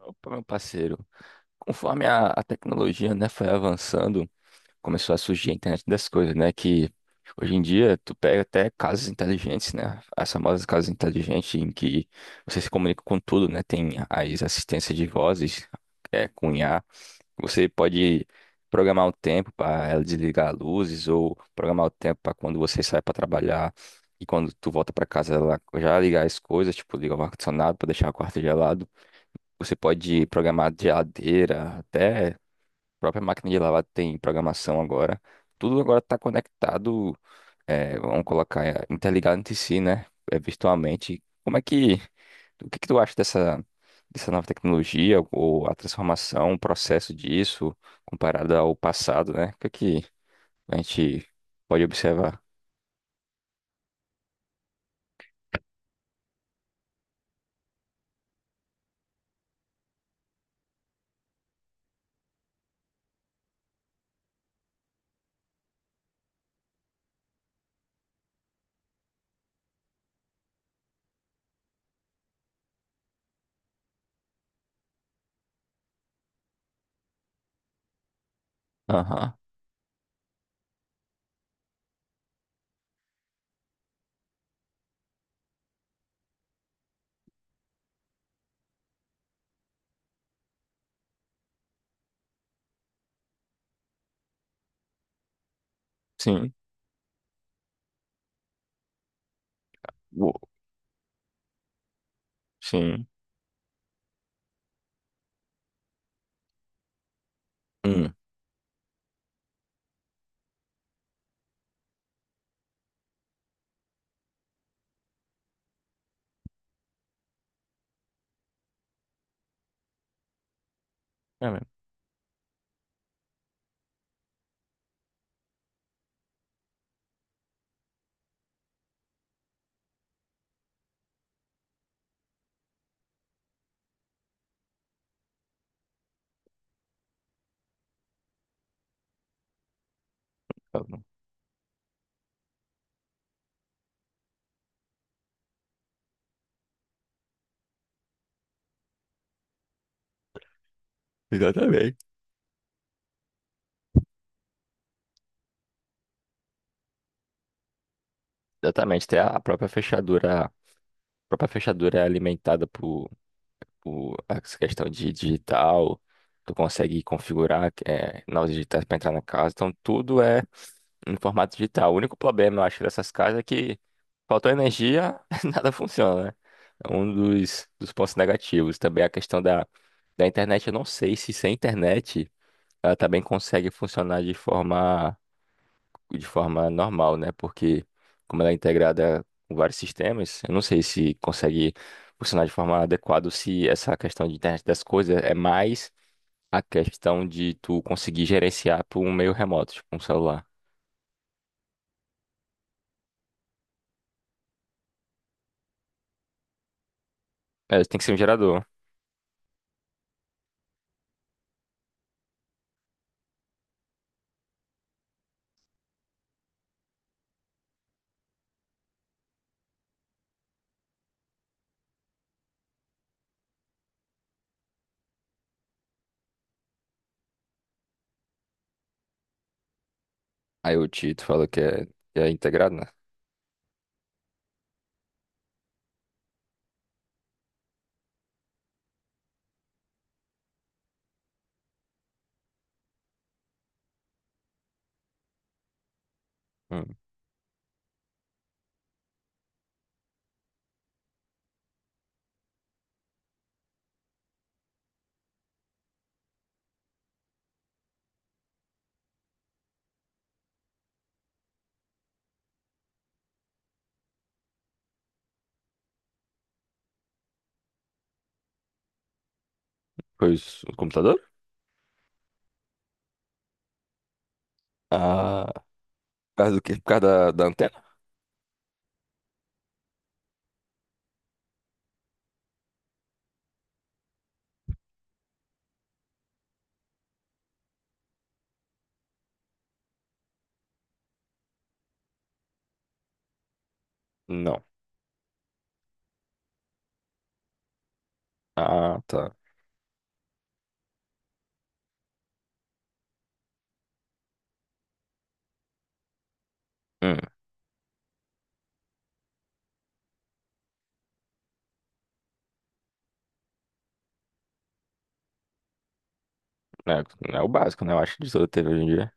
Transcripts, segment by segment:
Opa, meu parceiro, conforme a tecnologia, né, foi avançando, começou a surgir a internet das coisas, né, que hoje em dia tu pega até casas inteligentes, né, as famosas casas inteligentes em que você se comunica com tudo, né, tem as assistências de vozes, com IA, você pode programar o tempo para ela desligar luzes ou programar o tempo para quando você sai para trabalhar e quando tu volta para casa ela já ligar as coisas, tipo, ligar o ar-condicionado para deixar o quarto gelado. Você pode programar de geladeira, até a própria máquina de lavar tem programação agora. Tudo agora está conectado, vamos colocar, é, interligado entre si, né? É, virtualmente. Como é que, o que que tu acha dessa, dessa nova tecnologia, ou a transformação, o processo disso, comparado ao passado, né? O que é que a gente pode observar? Aham. Sim. Uou. Sim. Hum. É mesmo. Tá bom. Exatamente. Exatamente, tem a própria fechadura é alimentada por essa questão de digital. Tu consegue configurar é, novas digitais para entrar na casa. Então, tudo é em formato digital. O único problema, eu acho, dessas casas é que faltou energia, nada funciona, né? É um dos pontos negativos. Também a questão da, da internet. Eu não sei se sem internet ela também consegue funcionar de forma normal, né? Porque como ela é integrada com vários sistemas, eu não sei se consegue funcionar de forma adequada, ou se essa questão de internet das coisas é mais a questão de tu conseguir gerenciar por um meio remoto, tipo um celular. É, tem que ser um gerador. Aí o Tito fala que é integrado, né? Hum. Pois o computador? Ah, por causa do quê? Por causa da, da antena? Não. Ah, tá. Hum, é, é o básico, né? Eu acho de toda TV hoje em dia.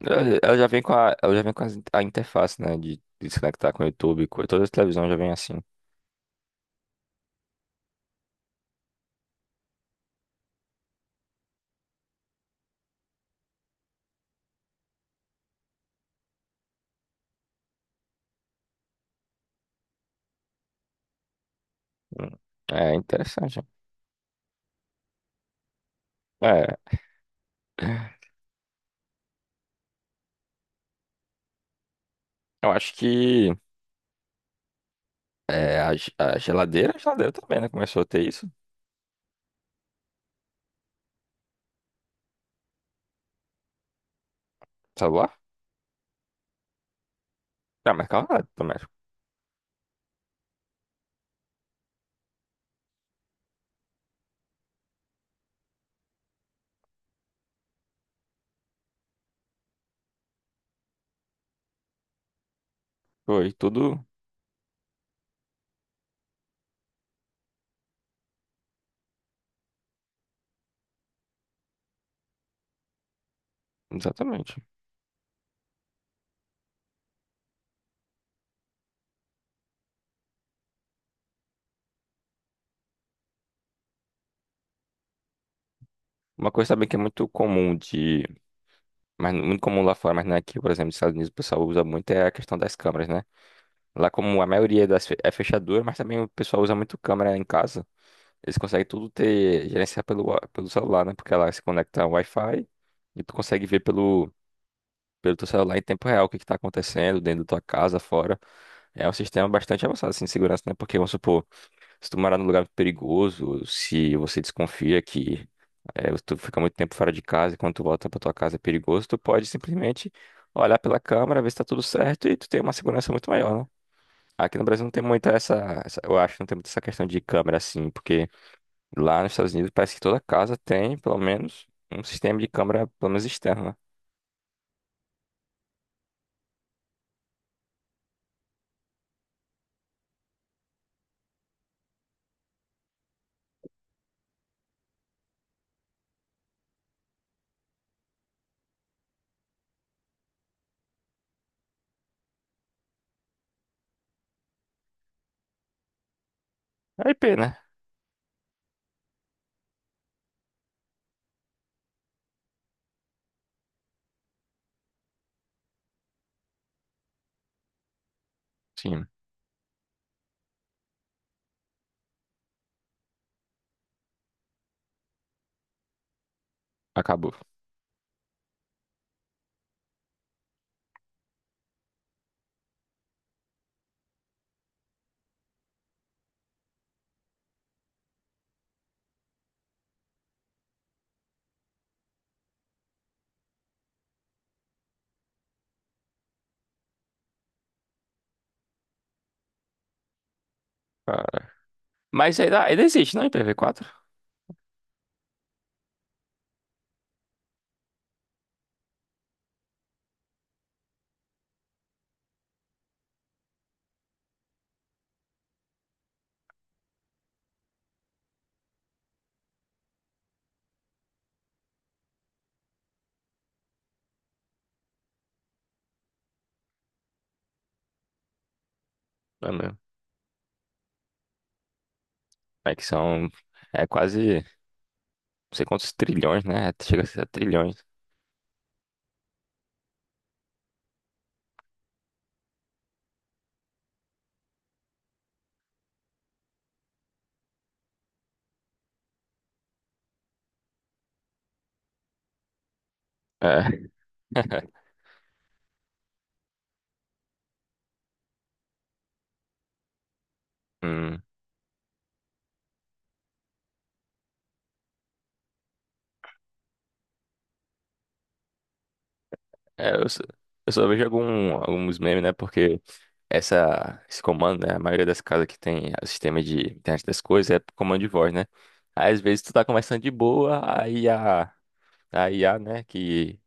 Ela já vem com a, ela já vem com as in- a interface, né? De se conectar com o YouTube, com todas as televisões já vem assim. Hum. É interessante. É, eu acho que é, a, ge- a geladeira também, né? Começou a ter isso. Celular? Ah, mas calma, também. Foi tudo. Exatamente. Uma coisa também que é muito comum de. Mas muito comum lá fora, mas não é aqui, por exemplo, nos Estados Unidos o pessoal usa muito é a questão das câmeras, né? Lá como a maioria das fe- é fechadura, mas também o pessoal usa muito câmera em casa. Eles conseguem tudo ter, gerenciar pelo, wa- pelo celular, né? Porque ela se conecta ao Wi-Fi e tu consegue ver pelo, pelo teu celular em tempo real o que que tá acontecendo dentro da tua casa, fora. É um sistema bastante avançado, assim, de segurança, né? Porque, vamos supor, se tu morar num lugar perigoso, se você desconfia que é, tu fica muito tempo fora de casa e quando tu volta pra tua casa é perigoso, tu pode simplesmente olhar pela câmera, ver se tá tudo certo e tu tem uma segurança muito maior, né? Aqui no Brasil não tem muita essa, essa- eu acho, que não tem muita essa questão de câmera, assim, porque lá nos Estados Unidos parece que toda casa tem, pelo menos, um sistema de câmera, pelo menos externa. É IP, né? Sim, acabou. Ah, mas ainda, ainda existe, não? IPv4? É mesmo. É que são. É quase. Não sei quantos trilhões, né? Chega a ser trilhões. É. Hum. É, eu só vejo algum, alguns memes, né? Porque essa, esse comando, né? A maioria das casas que tem o sistema de internet das coisas é comando de voz, né? Aí, às vezes tu tá conversando de boa, aí a IA, né?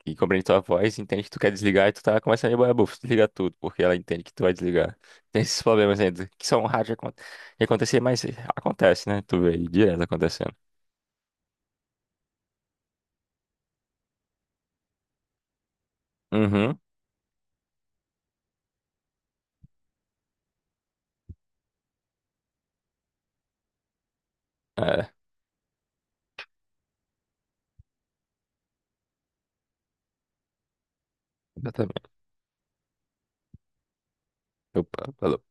Que compreende tua voz, entende que tu quer desligar e tu tá conversando de boa, buf, desliga tudo, porque ela entende que tu vai desligar. Tem esses problemas ainda, que são raros de acon- de acontecer, mas acontece, né? Tu vê aí direto acontecendo. Uhum, é, exatamente. Opa, falou.